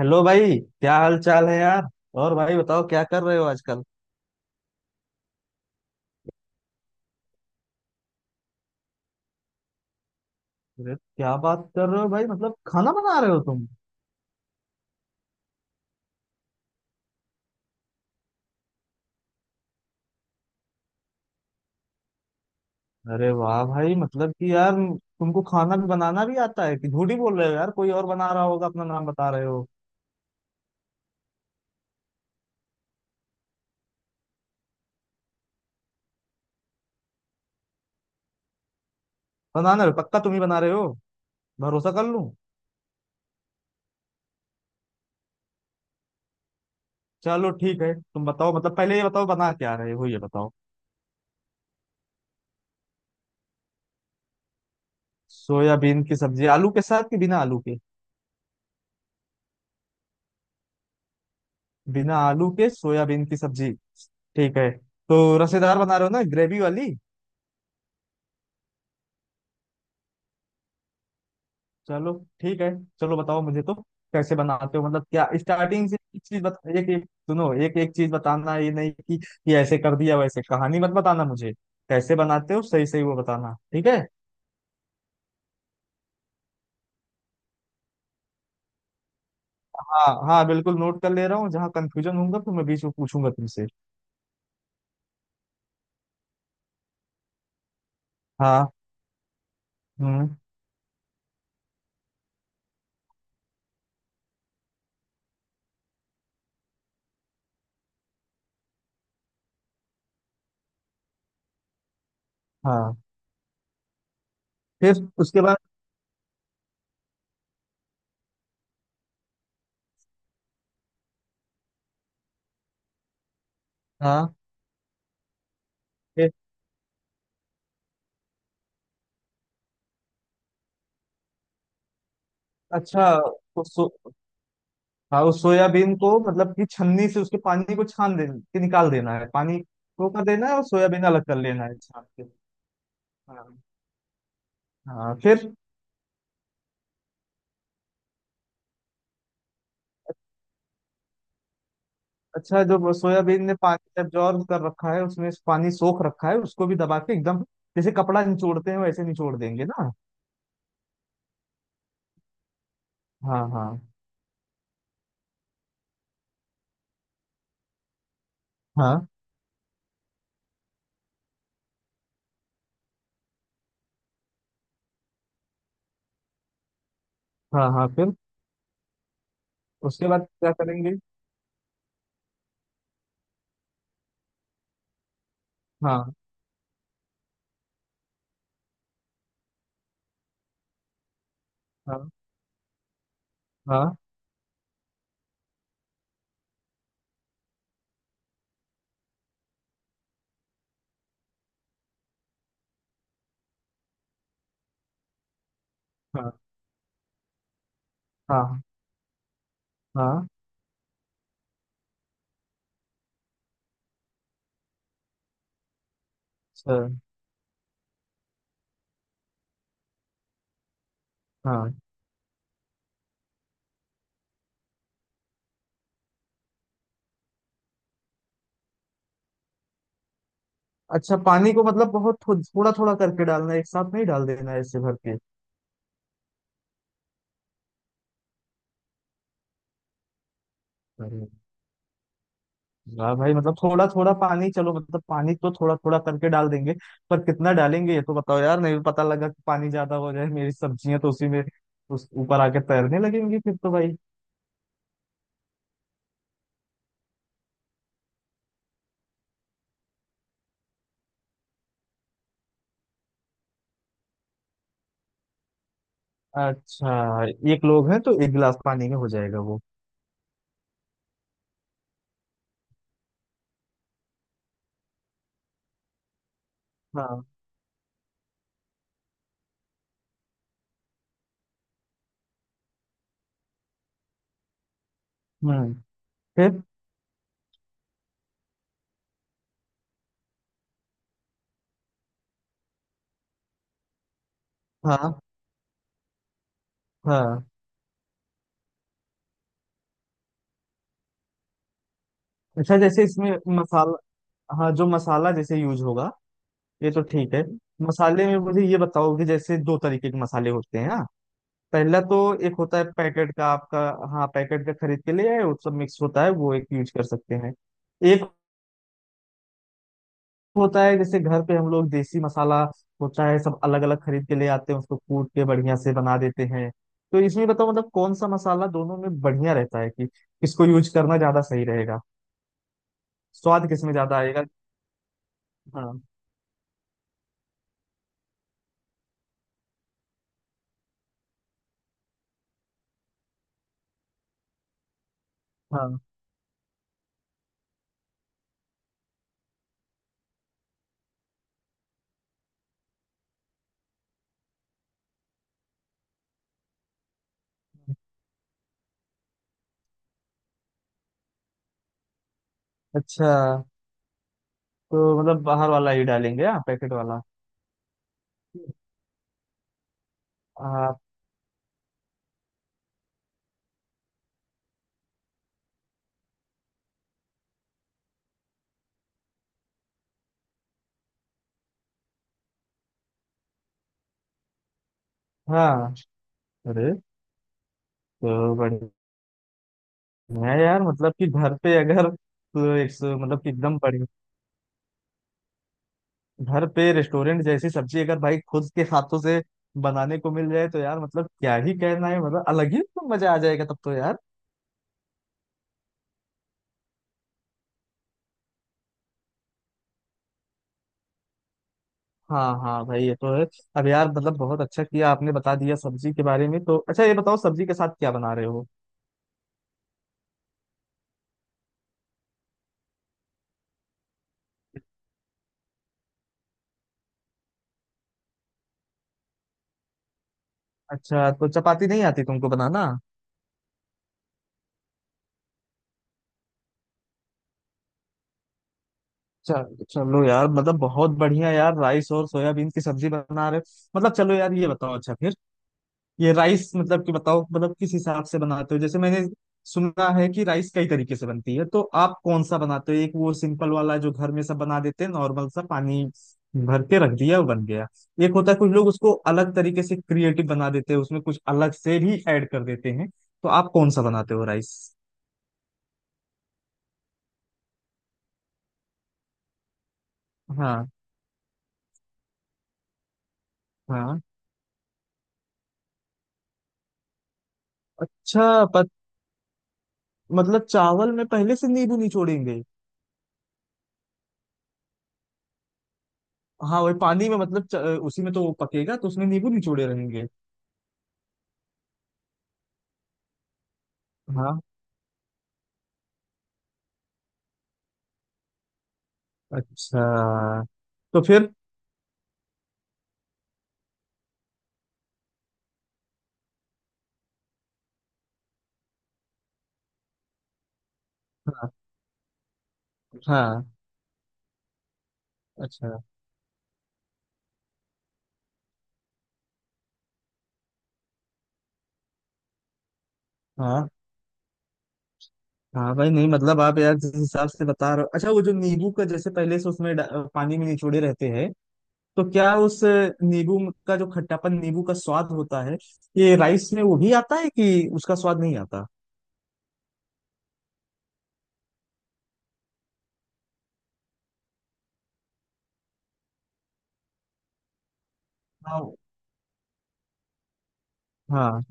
Hello भाई, क्या हाल चाल है यार। और भाई बताओ, क्या कर रहे हो आजकल। अरे क्या बात कर रहे हो भाई, मतलब खाना बना रहे हो तुम। अरे वाह भाई, मतलब कि यार तुमको खाना भी बनाना भी आता है कि झूठी बोल रहे हो यार, कोई और बना रहा होगा, अपना नाम बता रहे हो। बनाना भी पक्का तुम ही बना रहे हो? भरोसा कर लूं? चलो ठीक है, तुम बताओ, मतलब पहले ये बताओ बना क्या रहे हो, ये बताओ। सोयाबीन की सब्जी आलू के साथ कि बिना आलू के? बिना आलू के सोयाबीन की सब्जी, ठीक है। तो रसेदार बना रहे हो ना, ग्रेवी वाली। चलो, ठीक है। चलो बताओ मुझे तो, कैसे बनाते हो, मतलब क्या स्टार्टिंग से एक चीज बता, एक एक सुनो, एक एक चीज बताना, ये नहीं कि ये ऐसे कर दिया वैसे, कहानी मत बताना मुझे। कैसे बनाते हो सही सही वो बताना, ठीक है। हाँ हाँ, बिल्कुल नोट कर ले रहा हूँ, जहाँ कंफ्यूजन होगा तो मैं बीच में पूछूंगा तुमसे। हाँ। हम्म। हाँ, फिर? उसके बाद? हाँ, फिर? अच्छा। उस सो, हाँ, उस सोयाबीन को मतलब कि छन्नी से उसके पानी को छान दे के निकाल देना है, पानी को कर देना है और सोयाबीन अलग कर लेना है छान के। हाँ। हाँ, फिर? अच्छा, जो सोयाबीन ने पानी एब्जॉर्ब कर रखा है, उसमें पानी सोख रखा है, उसको भी दबा के एकदम जैसे कपड़ा निचोड़ते हैं वैसे निचोड़ देंगे ना। हाँ हाँ। हाँ हाँ हाँ। फिर उसके बाद क्या करेंगे? हाँ हाँ हाँ। हाँ हाँ हाँ। सर। हाँ। अच्छा, पानी को मतलब बहुत थोड़ा थोड़ा करके डालना है, एक साथ नहीं डाल देना है ऐसे भर के। वाह भाई, मतलब थोड़ा थोड़ा पानी, चलो, मतलब पानी तो थोड़ा थोड़ा करके डाल देंगे, पर कितना डालेंगे ये तो बताओ यार, नहीं पता लगा कि पानी ज्यादा हो जाए, मेरी सब्जियां तो उसी में उस ऊपर आके तैरने लगेंगी फिर तो भाई। अच्छा, एक लोग हैं तो एक गिलास पानी में हो जाएगा वो। हाँ। हम्म। फिर? हाँ हाँ। अच्छा, जैसे इसमें मसाला, हाँ, जो मसाला जैसे यूज होगा, ये तो ठीक है। मसाले में मुझे ये बताओ कि जैसे दो तरीके के मसाले होते हैं ना, पहला तो एक होता है पैकेट का आपका, हाँ, पैकेट का खरीद के ले आए, वो सब मिक्स होता है, वो एक यूज कर सकते हैं। एक होता है जैसे घर पे हम लोग देसी मसाला होता है, सब अलग अलग खरीद के ले आते हैं, उसको कूट के बढ़िया से बना देते हैं। तो इसमें बताओ, मतलब कौन सा मसाला दोनों में बढ़िया रहता है कि किसको यूज करना ज्यादा सही रहेगा, स्वाद किसमें ज्यादा आएगा। हाँ हाँ। अच्छा, तो मतलब बाहर वाला ही डालेंगे हाँ, पैकेट वाला। आ, हाँ। अरे तो बढ़िया, मैं यार मतलब कि घर पे अगर तो एक मतलब कि एकदम बड़ी, घर पे रेस्टोरेंट जैसी सब्जी अगर भाई खुद के हाथों से बनाने को मिल जाए तो यार मतलब क्या ही कहना है, मतलब अलग ही तो मजा आ जाएगा तब तो यार। हाँ हाँ भाई, ये तो है। अब यार मतलब बहुत अच्छा किया आपने बता दिया सब्जी के बारे में, तो अच्छा, ये बताओ सब्जी के साथ क्या बना रहे हो। अच्छा, तो चपाती नहीं आती तुमको बनाना। चल चलो यार, मतलब बहुत बढ़िया यार, राइस और सोयाबीन की सब्जी बना रहे हो, मतलब चलो यार, ये बताओ अच्छा फिर, ये राइस मतलब कि बताओ, मतलब किस हिसाब से बनाते हो, जैसे मैंने सुना है कि राइस कई तरीके से बनती है तो आप कौन सा बनाते हो, एक वो सिंपल वाला जो घर में सब बना देते हैं, नॉर्मल सा पानी भर के रख दिया वो बन गया, एक होता है कुछ लोग उसको अलग तरीके से क्रिएटिव बना देते हैं, उसमें कुछ अलग से भी ऐड कर देते हैं, तो आप कौन सा बनाते हो राइस? हाँ हाँ। अच्छा मतलब चावल में पहले से नींबू निचोड़ेंगे? हाँ वही पानी में, मतलब उसी में तो वो पकेगा तो उसमें नींबू निचोड़े रहेंगे। हाँ। अच्छा। तो फिर? हाँ हाँ। अच्छा। हाँ हाँ भाई, नहीं मतलब आप यार जिस हिसाब से बता रहे हो, अच्छा वो जो नींबू का जैसे पहले से उसमें पानी में निचोड़े रहते हैं तो क्या उस नींबू का जो खट्टापन, नींबू का स्वाद होता है, ये राइस में वो भी आता है कि उसका स्वाद नहीं आता? हाँ। हाँ,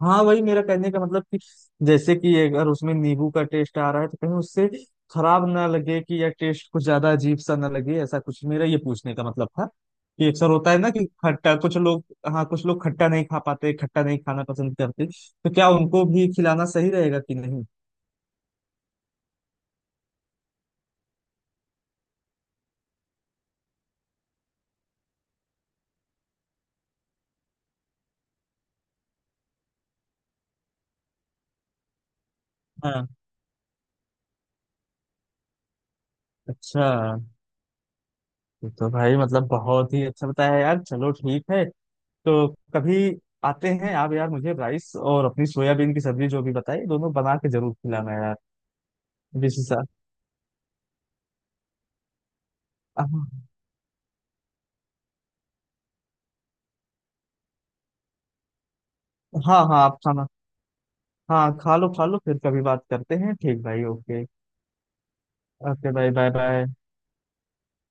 हाँ वही मेरा कहने का मतलब कि जैसे कि अगर उसमें नींबू का टेस्ट आ रहा है तो कहीं उससे खराब ना लगे कि या टेस्ट कुछ ज्यादा अजीब सा ना लगे, ऐसा कुछ मेरा ये पूछने का मतलब था कि अक्सर होता है ना कि खट्टा कुछ लोग, हाँ कुछ लोग खट्टा नहीं खा पाते, खट्टा नहीं खाना पसंद करते, तो क्या उनको भी खिलाना सही रहेगा कि नहीं। हाँ। अच्छा, ये तो भाई मतलब बहुत ही अच्छा बताया यार, चलो ठीक है। तो कभी आते हैं आप यार, मुझे राइस और अपनी सोयाबीन की सब्जी जो भी बताई दोनों बना के जरूर खिलाना यार, डिशेस। हाँ हाँ। हाँ आप खाना, हाँ खा लो खा लो, फिर कभी बात करते हैं, ठीक भाई, okay. Okay, bye bye bye.